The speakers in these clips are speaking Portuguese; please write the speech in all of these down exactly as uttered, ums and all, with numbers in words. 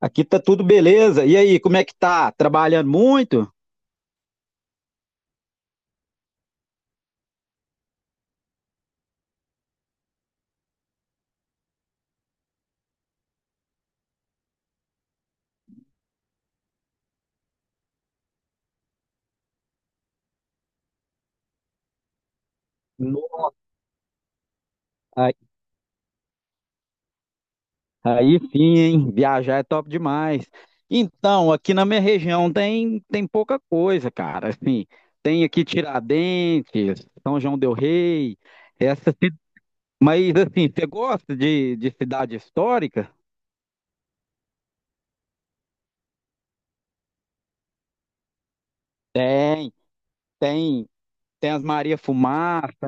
Aqui tá tudo beleza. E aí, como é que tá? Trabalhando muito? No- Aí, aí sim, hein? Viajar é top demais. Então, aqui na minha região tem, tem pouca coisa, cara. Assim, tem aqui Tiradentes, São João del Rei, essa, ci- mas assim, você gosta de, de cidade histórica? Tem, tem, tem as Maria Fumaça.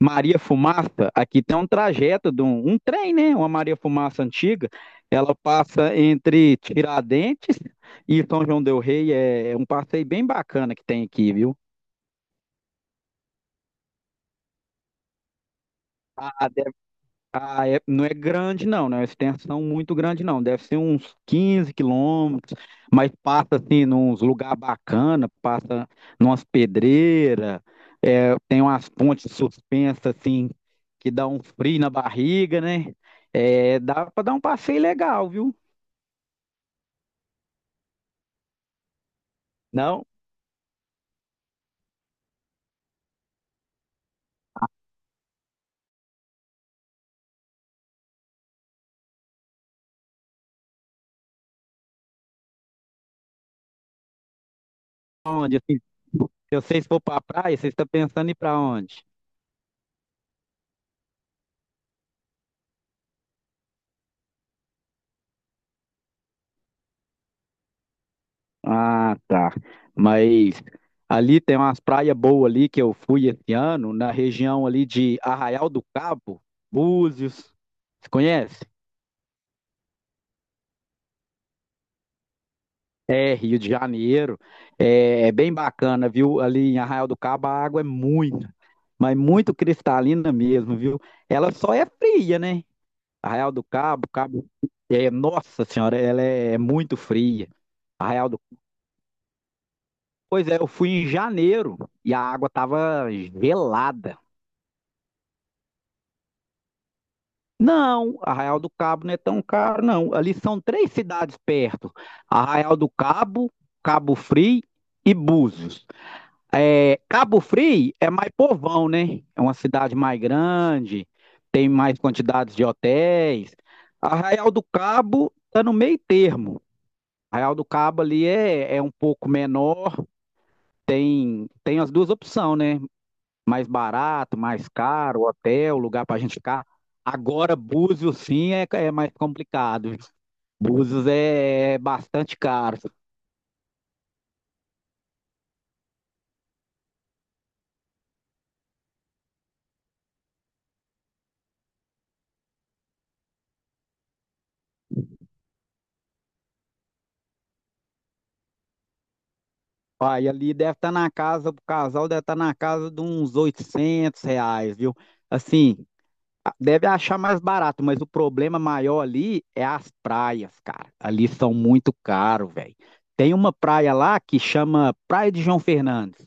Maria Fumaça, aqui tem um trajeto de um, um trem, né? Uma Maria Fumaça antiga. Ela passa entre Tiradentes e São João del Rei. É, é um passeio bem bacana que tem aqui, viu? A, a de- Aí é- não é grande, não, não é uma extensão muito grande, não. Deve ser uns quinze quilômetros, mas passa assim, nos lugar bacana, passa numas pedreiras, é, tem umas pontes suspensas, assim, que dá um frio na barriga, né? É, dá para dar um passeio legal, viu? Não? Onde, assim, se vocês for para praia, vocês estão pensando em ir para onde? Ah, tá. Mas ali tem umas praias boas ali que eu fui esse ano, na região ali de Arraial do Cabo, Búzios. Você conhece? É, Rio de Janeiro. É, é bem bacana, viu? Ali em Arraial do Cabo a água é muito, mas muito cristalina mesmo, viu? Ela só é fria, né? Arraial do Cabo, Cabo. É, nossa senhora, ela é é muito fria. Arraial do Pois é, eu fui em janeiro e a água tava gelada. Não, Arraial do Cabo não é tão caro, não. Ali são três cidades perto: Arraial do Cabo, Cabo Frio e Búzios. É, Cabo Frio é mais povão, né? É uma cidade mais grande, tem mais quantidades de hotéis. Arraial do Cabo está no meio termo. Arraial do Cabo ali é, é um pouco menor, tem, tem as duas opções, né? Mais barato, mais caro, hotel, lugar para a gente ficar. Agora, Búzios, sim, é, é mais complicado. Búzios é, é bastante caro. Aí ali deve estar na casa, o casal deve estar na casa de uns oitocentos reais, viu? Assim, a- deve achar mais barato, mas o problema maior ali é as praias, cara. Ali são muito caro, velho. Tem uma praia lá que chama Praia de João Fernandes.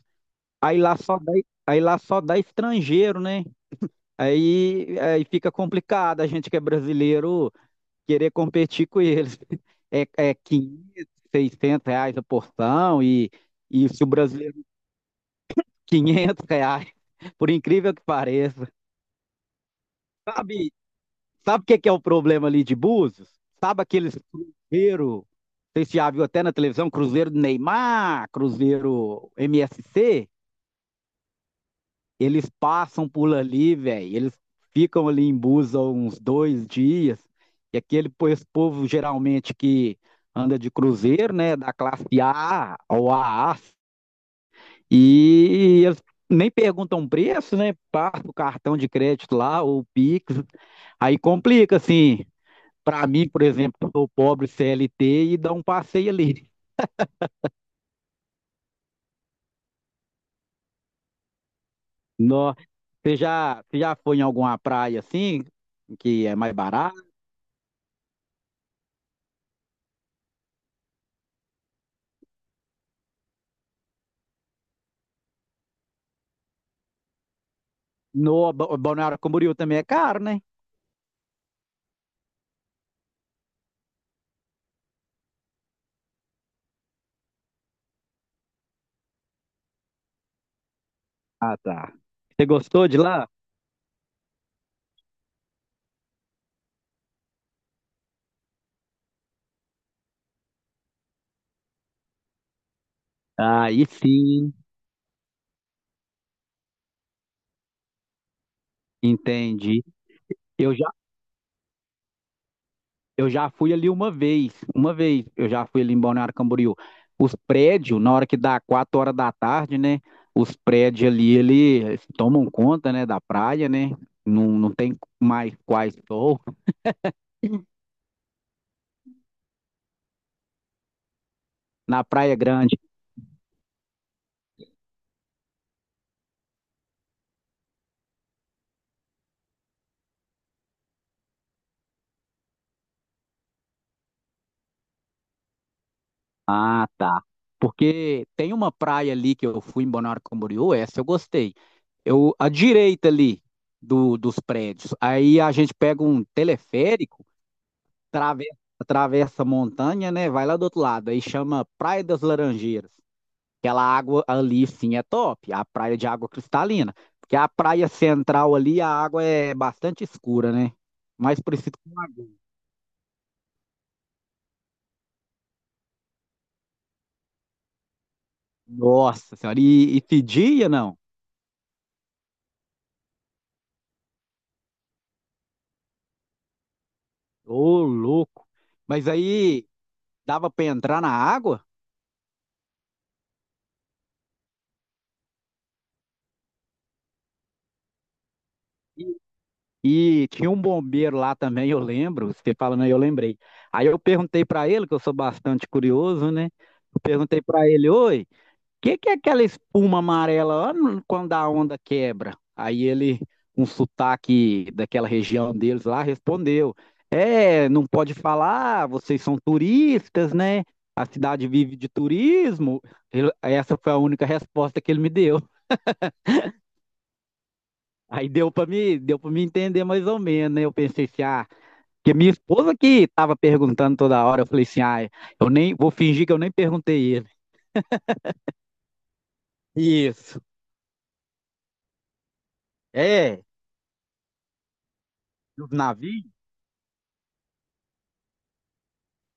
Aí lá só dá, aí lá só dá estrangeiro, né? Aí, aí fica complicado a gente que é brasileiro querer competir com eles. É, é quinhentos seiscentos reais a porção e, e se o brasileiro quinhentos reais, por incrível que pareça. Sabe, sabe o que que é o problema ali de Búzios? Sabe aqueles cruzeiro, vocês já viu até na televisão, cruzeiro do Neymar, cruzeiro M S C? Eles passam por ali, velho. Eles ficam ali em Busa uns dois dias. E aquele po- esse povo geralmente que anda de cruzeiro, né? Da classe A ou A, A. E eles nem perguntam preço, né? Passa o cartão de crédito lá ou o Pix. Aí complica, assim. Pra mim, por exemplo, que sou pobre C L T e dá um passeio ali. Nó. Você já, você já foi em alguma praia assim, que é mais barata? No Ba- Balneário Camboriú também é caro, né? Ah, tá. Você gostou de lá? Aí sim, entendi. Eu já, eu já fui ali uma vez, uma vez eu já fui ali em Balneário Camboriú. Os prédios, na hora que dá quatro horas da tarde, né? Os prédios ali, eles tomam conta, né, da praia, né? Não, não tem mais quais sou. Na Praia Grande. Ah, tá. Porque tem uma praia ali que eu fui em Balneário Camboriú, essa eu gostei. Eu, à direita ali do, dos prédios. Aí a gente pega um teleférico, trave- atravessa a montanha, né? Vai lá do outro lado. Aí chama Praia das Laranjeiras. Aquela água ali, sim, é top. A praia de água cristalina. Porque a praia central ali, a água é bastante escura, né? Mais parecido com lagoa. Nossa senhora, e, e de dia não? Ô, louco. Mas aí dava pra entrar na água? E tinha um bombeiro lá também, eu lembro, você falando aí, eu lembrei. Aí eu perguntei para ele, que eu sou bastante curioso, né? Eu perguntei para ele, oi, o que que é aquela espuma amarela lá no- quando a onda quebra? Aí ele, um sotaque daquela região deles lá, respondeu: É, não pode falar, vocês são turistas, né? A cidade vive de turismo. Ele- essa foi a única resposta que ele me deu. Aí deu para me, deu para me entender mais ou menos, né? Eu pensei assim, ah. Que minha esposa que tava perguntando toda hora, eu falei assim, ah, eu nem vou fingir que eu nem perguntei ele. Isso. É, os navios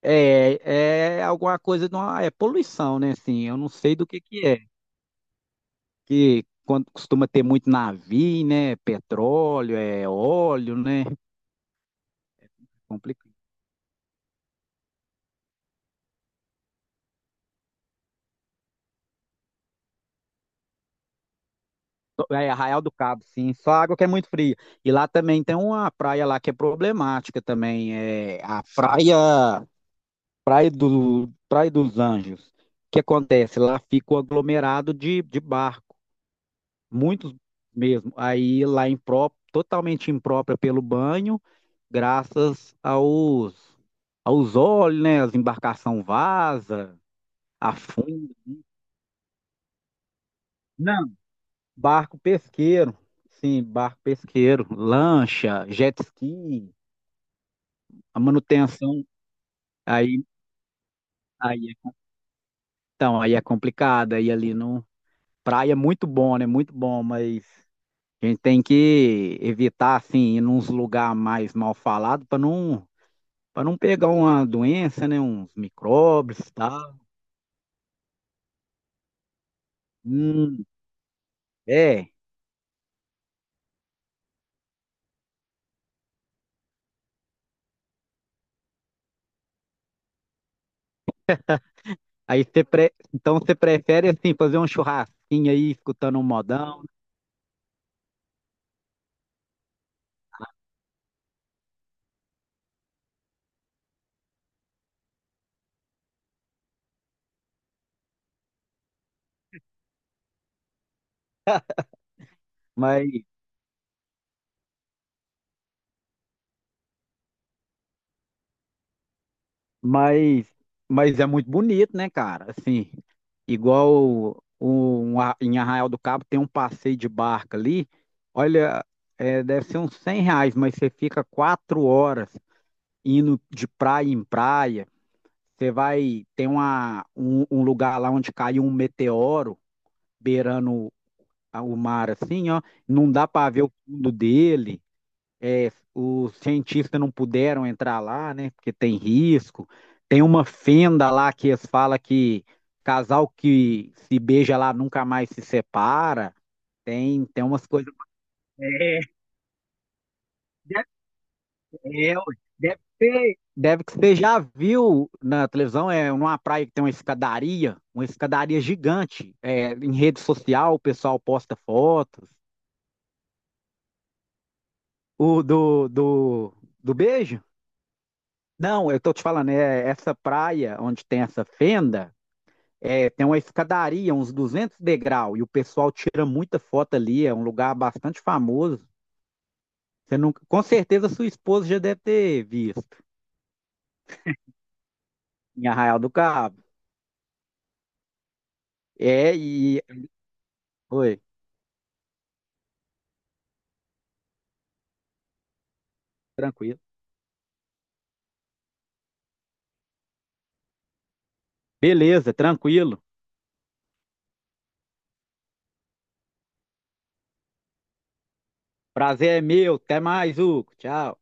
é, é alguma coisa, de uma, é poluição, né? Assim, eu não sei do que que é. Que quando costuma ter muito navio, né? Petróleo, é óleo, né? Complicado. É Arraial do Cabo, sim. Só água que é muito fria. E lá também tem uma praia lá que é problemática também. É a praia. Praia do, Praia dos Anjos. O que acontece? Lá fica o aglomerado de, de barco, muitos mesmo. Aí lá impró- totalmente imprópria pelo banho, graças aos, aos olhos, né? As embarcações vaza, afunda. Não, barco pesqueiro. Sim, barco pesqueiro, lancha, jet ski, a manutenção. Aí, aí, então, aí é complicado. Aí ali no praia é muito bom, né? Muito bom, mas a gente tem que evitar, assim, ir nos lugares mais mal falados para não, para não pegar uma doença, né? Uns micróbios e tal. Hum, é. Aí você pre... Então você prefere, assim, fazer um churrasquinho aí, escutando um modão, mas, mas, mas é muito bonito, né, cara? Assim, igual o- o- em Arraial do Cabo tem um passeio de barca ali. Olha, é, deve ser uns cem reais, mas você fica quatro horas indo de praia em praia, você vai tem uma, um, um lugar lá onde caiu um meteoro beirando a- o mar assim, ó, não dá para ver o fundo dele. É, os cientistas não puderam entrar lá, né? Porque tem risco. Tem uma fenda lá que eles falam que casal que se beija lá nunca mais se separa. Tem, tem umas coisas. É. É, ué. Deve ser, deve que você já viu na televisão, é numa praia que tem uma escadaria, uma escadaria gigante. É, em rede social, o pessoal posta fotos. O do, do, do beijo? Não, eu tô te falando, é essa praia onde tem essa fenda, é, tem uma escadaria, uns duzentos degraus, e o pessoal tira muita foto ali, é um lugar bastante famoso. Você nunca, com certeza sua esposa já deve ter visto em Arraial do Cabo. É, e. Oi, tranquilo. Beleza, tranquilo. Prazer é meu. Até mais, Hugo. Tchau.